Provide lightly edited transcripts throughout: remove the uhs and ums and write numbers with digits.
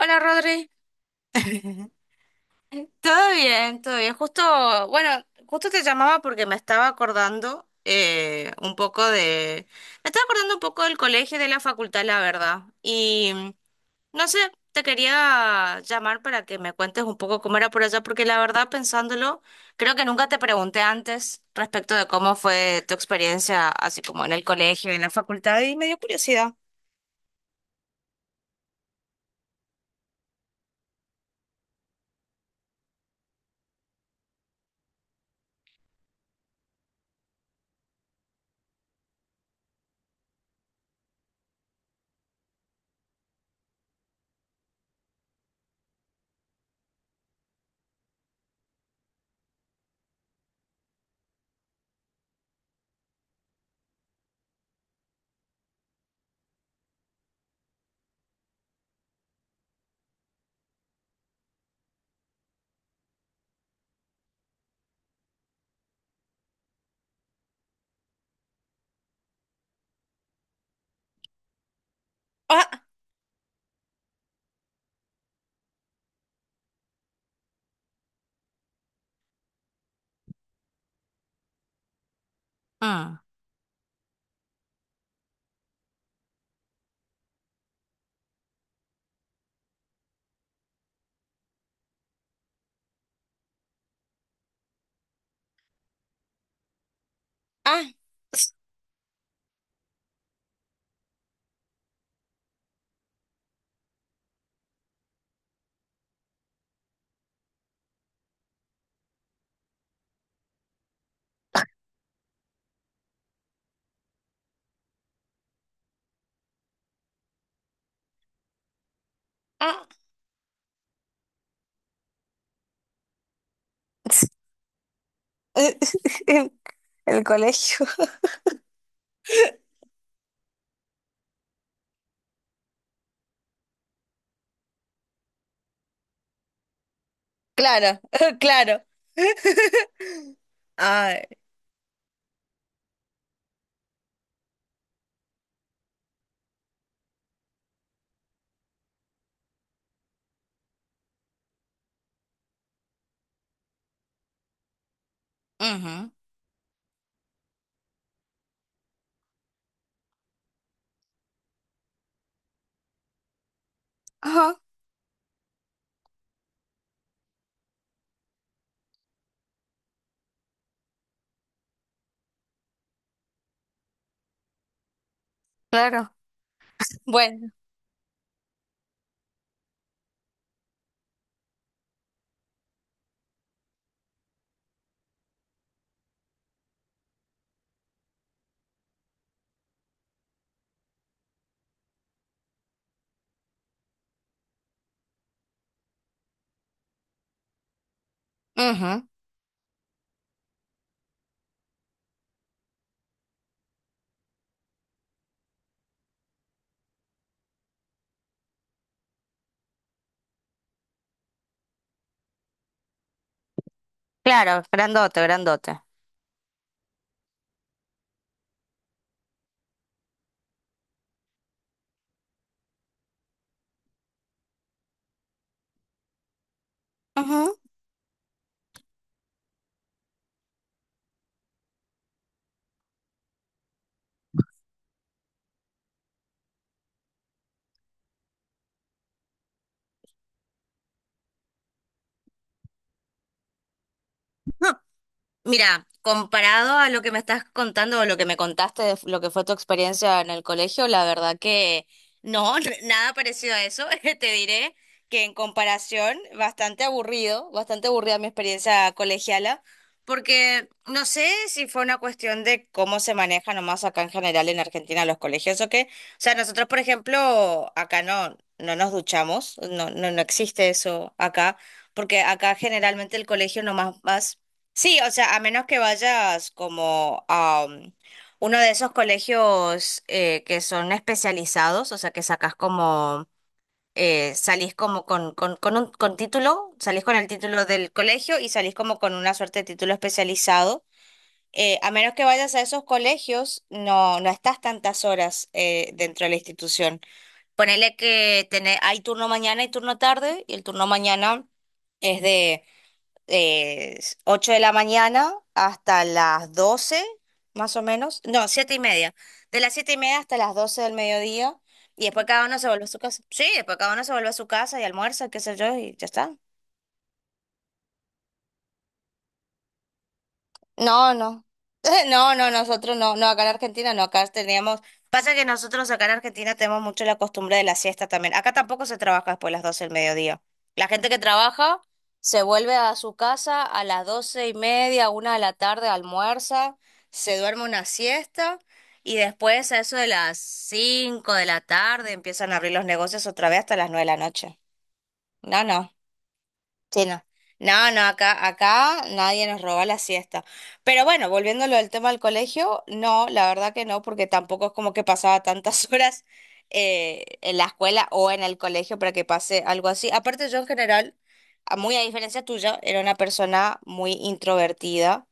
Hola Rodri, todo bien, todo bien. Justo, bueno, justo te llamaba porque me estaba acordando un poco de, me estaba acordando un poco del colegio y de la facultad, la verdad. No sé, te quería llamar para que me cuentes un poco cómo era por allá, porque la verdad, pensándolo, creo que nunca te pregunté antes respecto de cómo fue tu experiencia, así como en el colegio y en la facultad, y me dio curiosidad. Ah, ah, ah, ah. El colegio. Claro, claro. Ay. Ujú. Ajá, claro. Bueno, ujú. Claro, grandote, grandote. Ajá. Mira, comparado a lo que me estás contando o lo que me contaste de lo que fue tu experiencia en el colegio, la verdad que no, nada parecido a eso. Te diré que en comparación, bastante aburrido, bastante aburrida mi experiencia colegiala, porque no sé si fue una cuestión de cómo se maneja nomás acá en general en Argentina los colegios o qué. O sea, nosotros, por ejemplo, acá no, no nos duchamos, no, no, no existe eso acá. Porque acá generalmente el colegio nomás vas. Sí, o sea, a menos que vayas como a uno de esos colegios que son especializados, o sea, que sacas como, salís como con un con título, salís con el título del colegio y salís como con una suerte de título especializado. A menos que vayas a esos colegios, no, no estás tantas horas dentro de la institución. Ponele que hay turno mañana y turno tarde, y el turno mañana es de eh, 8 de la mañana hasta las 12 más o menos. No, 7 y media. De las 7 y media hasta las 12 del mediodía. Y después cada uno se vuelve a su casa. Sí, después cada uno se vuelve a su casa y almuerza, qué sé yo, y ya está. No, no. No, no, nosotros no, no, acá en Argentina no, acá teníamos, pasa que nosotros acá en Argentina tenemos mucho la costumbre de la siesta también. Acá tampoco se trabaja después de las 12 del mediodía. La gente que trabaja se vuelve a su casa a las doce y media, una de la tarde, almuerza, se duerme una siesta y después a eso de las 5 de la tarde empiezan a abrir los negocios otra vez hasta las 9 de la noche. No, no. Sí, no. No, no, acá, acá nadie nos roba la siesta. Pero bueno, volviéndolo a tema del colegio, no, la verdad que no, porque tampoco es como que pasaba tantas horas en la escuela o en el colegio para que pase algo así. Aparte, yo en general, muy a diferencia tuya, era una persona muy introvertida,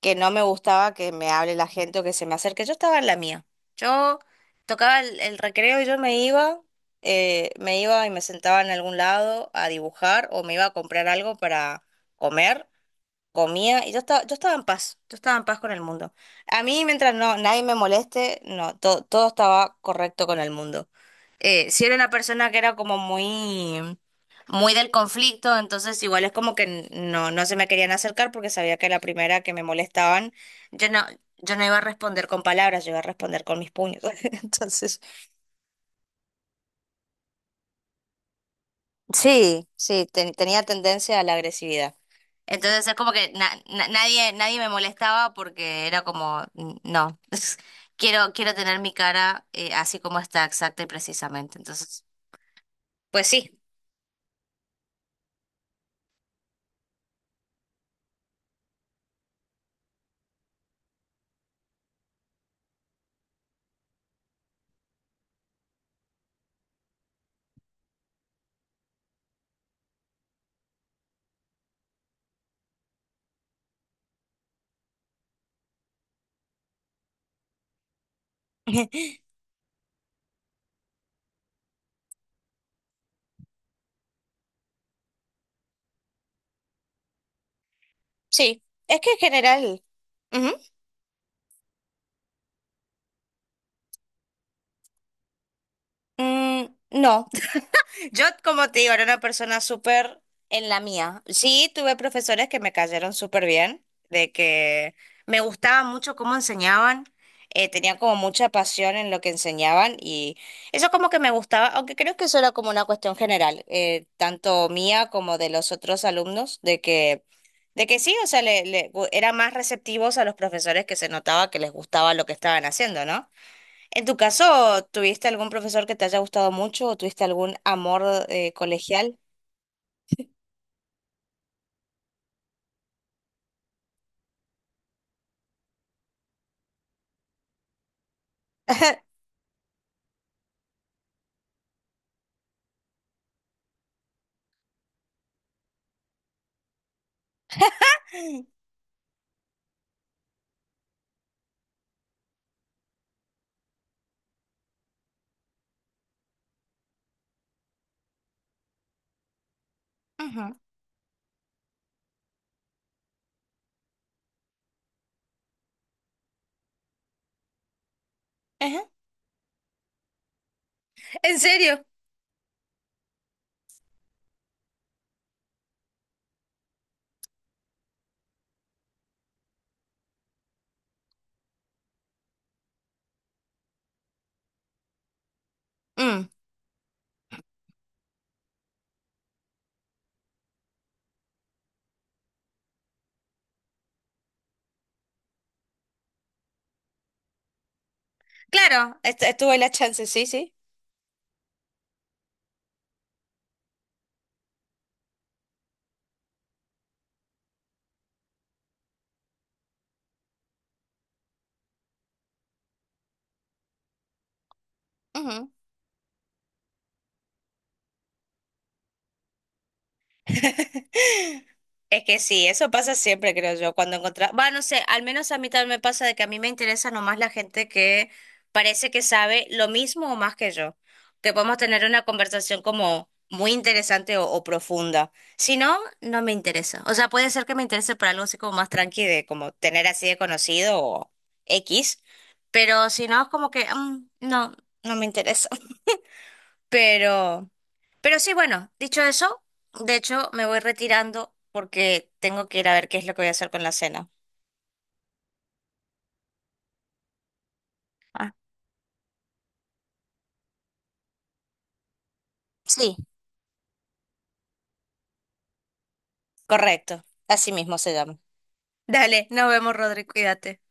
que no me gustaba que me hable la gente o que se me acerque. Yo estaba en la mía. Yo tocaba el recreo y yo me iba y me sentaba en algún lado a dibujar o me iba a comprar algo para comer, comía y yo estaba en paz, yo estaba en paz con el mundo. A mí, mientras no, nadie me moleste, no, todo estaba correcto con el mundo. Si era una persona que era como muy, muy del conflicto, entonces igual es como que no, no se me querían acercar porque sabía que la primera que me molestaban, yo no, yo no iba a responder con palabras, yo iba a responder con mis puños. Entonces... Sí, sí, tenía tendencia a la agresividad. Entonces es como que nadie, nadie me molestaba porque era como, "Mm, no, quiero, quiero tener mi cara así como está, exacta y precisamente. Entonces, pues sí, sí, es que en general, ujú, mm, no. Yo, como te digo, era una persona súper en la mía. Sí, tuve profesores que me cayeron súper bien, de que me gustaba mucho cómo enseñaban, tenían como mucha pasión en lo que enseñaban y eso como que me gustaba, aunque creo que eso era como una cuestión general, tanto mía como de los otros alumnos, de que sí, o sea, le, eran más receptivos a los profesores que se notaba que les gustaba lo que estaban haciendo, ¿no? En tu caso, ¿tuviste algún profesor que te haya gustado mucho o tuviste algún amor colegial? Ujú, ujú. ¿En serio? Mm, claro. Estuve la chance, sí, sí. Es que sí, eso pasa siempre, creo yo, cuando encontrás, va, no sé, al menos a mí también me pasa de que a mí me interesa nomás la gente que parece que sabe lo mismo o más que yo, que podemos tener una conversación como muy interesante o profunda. Si no, no me interesa. O sea, puede ser que me interese por algo así como más tranqui de como tener así de conocido o X, pero si no, es como que no, no me interesa. Pero, pero sí, bueno, dicho eso, de hecho me voy retirando porque tengo que ir a ver qué es lo que voy a hacer con la cena. Ah, sí, correcto. Así mismo se llama. Dale, nos vemos, Rodri, cuídate.